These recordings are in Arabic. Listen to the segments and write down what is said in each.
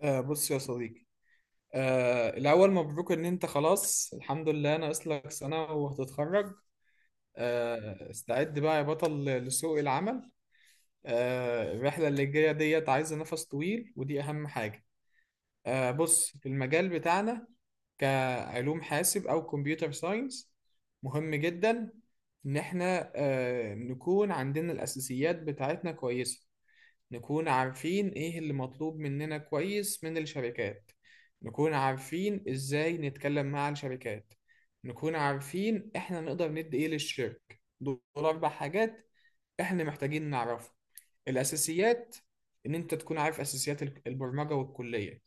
بص يا صديقي. الأول مبروك إن أنت، خلاص الحمد لله، ناقص لك سنة وهتتخرج. استعد بقى يا بطل لسوق العمل. الرحلة اللي جاية ديت عايزة نفس طويل، ودي أهم حاجة. بص، المجال بتاعنا كعلوم حاسب أو كمبيوتر ساينس مهم جدا. إن إحنا نكون عندنا الأساسيات بتاعتنا كويسة، نكون عارفين ايه اللي مطلوب مننا كويس من الشركات، نكون عارفين ازاي نتكلم مع الشركات، نكون عارفين احنا نقدر ندي ايه للشركة. دول اربع حاجات احنا محتاجين نعرفها. الاساسيات، ان انت تكون عارف اساسيات البرمجة والكلية.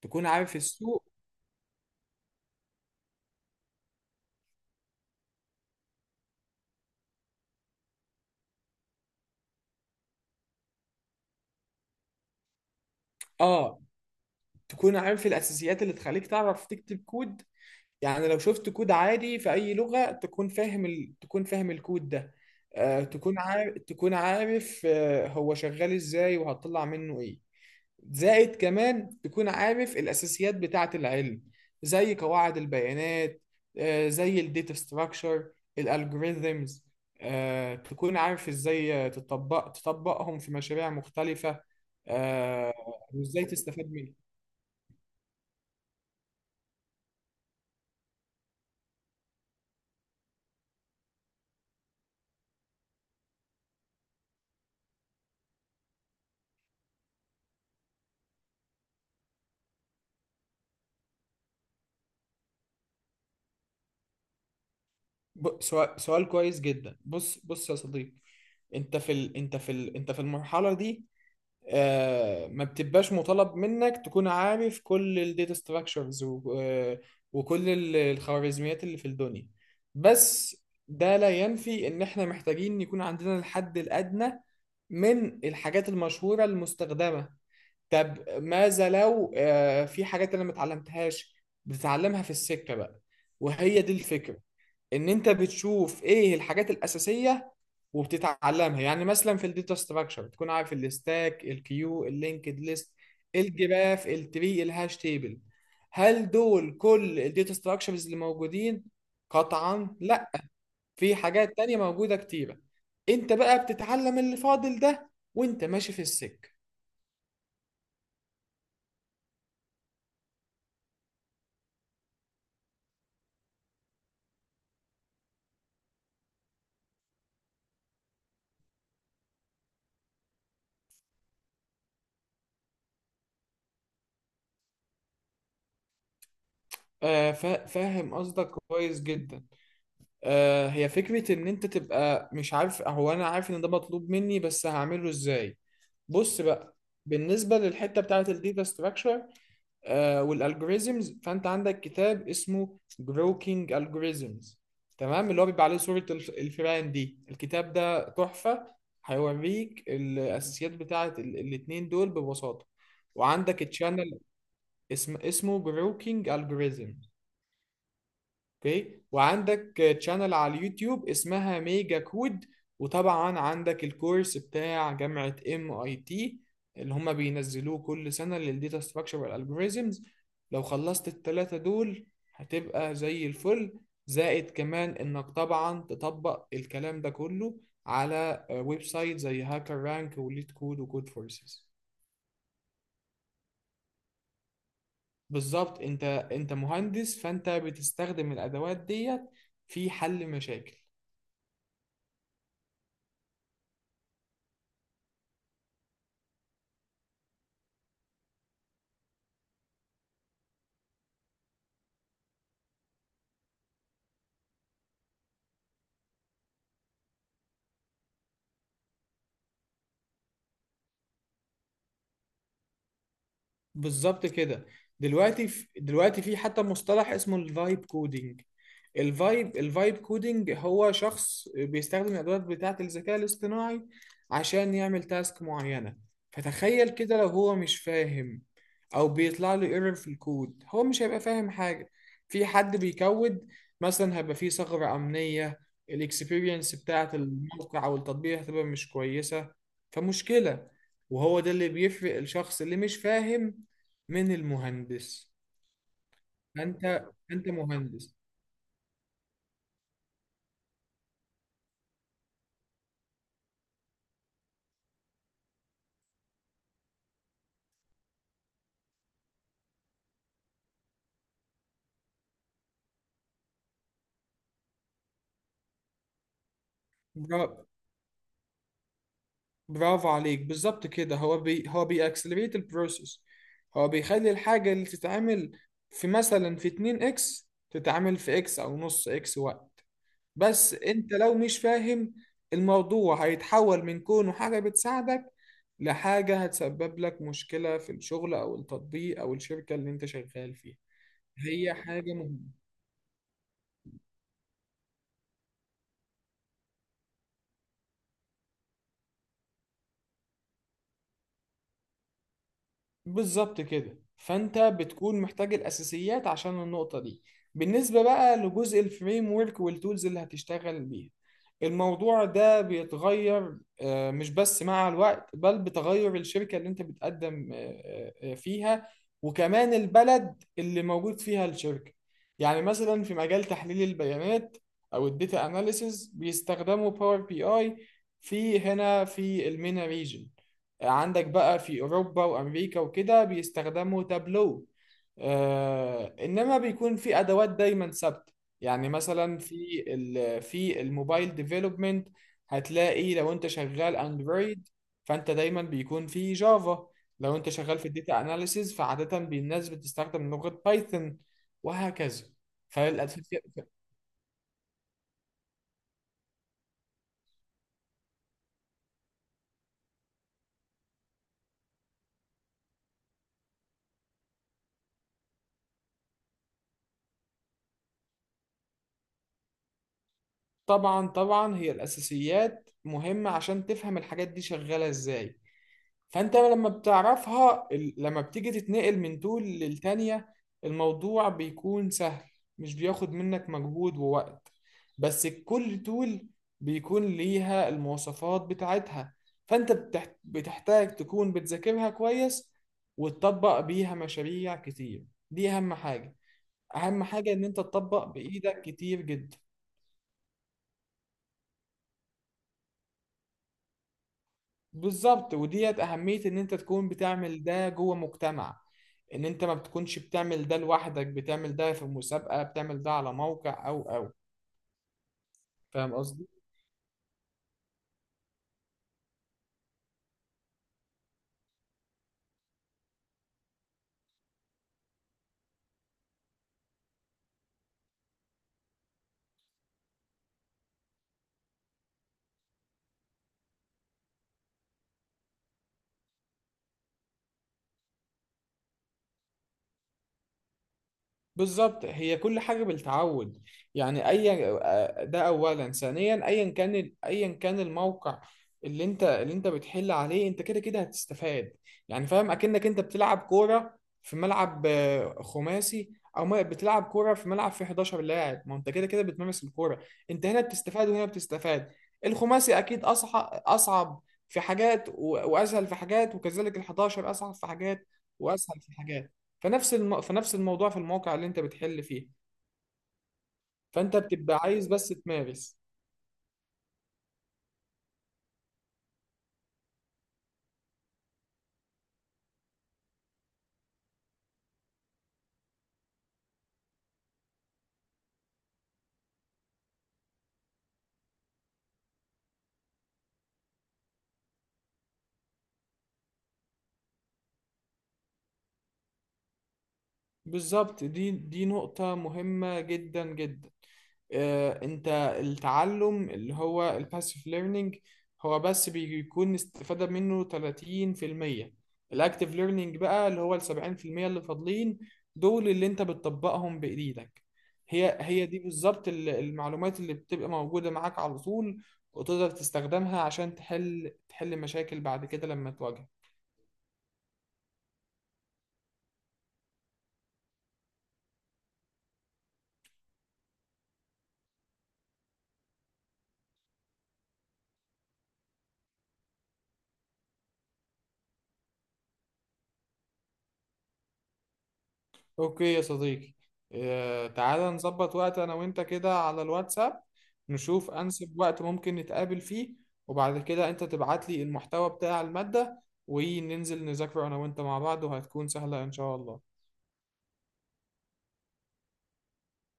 تكون عارف السوق. اه، تكون عارف الاساسيات اللي تخليك تعرف تكتب كود. يعني لو شفت كود عادي في أي لغة، تكون فاهم الكود ده. تكون عارف هو شغال ازاي وهتطلع منه ايه. زائد كمان تكون عارف الأساسيات بتاعة العلم، زي قواعد البيانات، زي الداتا ستراكشر، الالجوريزمز. تكون عارف ازاي تطبقهم في مشاريع مختلفة، آه، وازاي تستفاد منهم. سؤال كويس جدا. بص بص يا صديقي، انت في المرحله دي. ما بتبقاش مطالب منك تكون عارف كل الداتا ستراكشرز و... آه، وكل الخوارزميات اللي في الدنيا، بس ده لا ينفي ان احنا محتاجين يكون عندنا الحد الادنى من الحاجات المشهوره المستخدمه. طب ماذا لو في حاجات انا ما اتعلمتهاش؟ بتتعلمها في السكه بقى، وهي دي الفكره. ان انت بتشوف ايه الحاجات الاساسيه وبتتعلمها. يعني مثلا في الداتا ستراكشر بتكون عارف الستاك، الكيو، اللينكد ليست، الجراف، التري، الهاش تيبل. هل دول كل الداتا ستراكشرز اللي موجودين؟ قطعا لا، في حاجات تانية موجوده كتيره. انت بقى بتتعلم اللي فاضل ده وانت ماشي في السك. فاهم قصدك كويس جدا. هي فكرة إن أنت تبقى مش عارف، هو أنا عارف إن ده مطلوب مني بس هعمله إزاي. بص بقى، بالنسبة للحتة بتاعة الداتا ستراكشر والالجوريزمز، فأنت عندك كتاب اسمه جروكينج الجوريزمز، تمام؟ اللي هو بيبقى عليه صورة الفئران دي. الكتاب ده تحفة، هيوريك الأساسيات بتاعة الاتنين دول ببساطة. وعندك تشانل، اسمه جروكينج الجوريزم. اوكي، وعندك تشانل على اليوتيوب اسمها ميجا كود. وطبعا عندك الكورس بتاع جامعة ام اي تي، اللي هم بينزلوه كل سنة للديتا ستراكشر والالجوريزمز. لو خلصت التلاتة دول هتبقى زي الفل. زائد كمان انك طبعا تطبق الكلام ده كله على ويب سايت زي هاكر رانك وليد كود وكود فورسز. بالظبط. انت مهندس، فانت بتستخدم الادوات ديت في حل مشاكل. بالظبط كده. دلوقتي في حتى مصطلح اسمه الفايب كودينج. الفايب كودينج هو شخص بيستخدم الادوات بتاعه الذكاء الاصطناعي عشان يعمل تاسك معينه. فتخيل كده لو هو مش فاهم، او بيطلع له ايرور في الكود، هو مش هيبقى فاهم حاجه. في حد بيكود مثلا، هيبقى فيه ثغره امنيه، الاكسبيرينس بتاعه الموقع او التطبيق هتبقى مش كويسه، فمشكله. وهو ده اللي بيفرق الشخص اللي مش فاهم من المهندس. انت انت مهندس. برا... برافو عليك، بالظبط كده. هو بيأكسلريت البروسيس، هو بيخلي الحاجة اللي تتعمل في، مثلا، في 2 اكس تتعمل في اكس او نص اكس وقت. بس انت لو مش فاهم، الموضوع هيتحول من كونه حاجة بتساعدك لحاجة هتسبب لك مشكلة في الشغل او التطبيق او الشركة اللي انت شغال فيها. هي حاجة مهمة. بالظبط كده، فانت بتكون محتاج الاساسيات عشان النقطه دي. بالنسبه بقى لجزء الفريم ورك والتولز اللي هتشتغل بيها، الموضوع ده بيتغير، مش بس مع الوقت، بل بتغير الشركه اللي انت بتقدم فيها، وكمان البلد اللي موجود فيها الشركه. يعني مثلا في مجال تحليل البيانات او الداتا اناليسز بيستخدموا باور بي اي في هنا في المينا ريجن. عندك بقى في أوروبا وأمريكا وكده بيستخدموا تابلو. إنما بيكون في أدوات دايما ثابتة. يعني مثلا في الموبايل ديفلوبمنت هتلاقي لو أنت شغال أندرويد، فأنت دايما بيكون في جافا. لو أنت شغال في الداتا أناليسيز فعادة الناس بتستخدم لغة بايثون، وهكذا. فالأساسيات، طبعا طبعا، هي الأساسيات مهمة عشان تفهم الحاجات دي شغالة إزاي. فانت لما بتعرفها، لما بتيجي تتنقل من دول للتانية، الموضوع بيكون سهل، مش بياخد منك مجهود ووقت. بس كل تول بيكون ليها المواصفات بتاعتها، فانت بتحتاج تكون بتذاكرها كويس وتطبق بيها مشاريع كتير. دي اهم حاجة. اهم حاجة ان انت تطبق بايدك كتير جدا. بالظبط، وديت أهمية إن أنت تكون بتعمل ده جوه مجتمع. إن أنت ما بتكونش بتعمل ده لوحدك، بتعمل ده في مسابقة، بتعمل ده على موقع أو. فاهم قصدي؟ بالظبط، هي كل حاجة بالتعود. يعني أي ده، أولا ثانيا أيا كان أيا كان الموقع اللي أنت بتحل عليه، أنت كده كده هتستفاد. يعني فاهم أكنك أنت بتلعب كورة في ملعب خماسي، أو ما- بتلعب كورة في ملعب فيه 11 لاعب. ما أنت كده كده بتمارس الكورة، أنت هنا بتستفاد وهنا بتستفاد. الخماسي أكيد أصعب. أصعب في حاجات وأسهل في حاجات، وكذلك ال 11 أصعب في حاجات وأسهل في حاجات. فنفس الموضوع في الموقع اللي انت بتحل فيه، فانت بتبقى عايز بس تمارس. بالظبط، دي نقطة مهمة جدا جدا. انت، التعلم اللي هو الباسيف ليرنينج هو بس بيكون استفادة منه 30%. الاكتيف ليرنينج بقى اللي هو ال 70% اللي فاضلين، دول اللي انت بتطبقهم بايديك. هي دي بالظبط المعلومات اللي بتبقى موجودة معاك على طول، وتقدر تستخدمها عشان تحل مشاكل بعد كده لما تواجهك. اوكي يا صديقي، تعالى نظبط وقت انا وانت كده على الواتساب، نشوف انسب وقت ممكن نتقابل فيه، وبعد كده انت تبعت لي المحتوى بتاع المادة وننزل نذاكره انا وانت مع بعض، وهتكون سهلة ان شاء الله.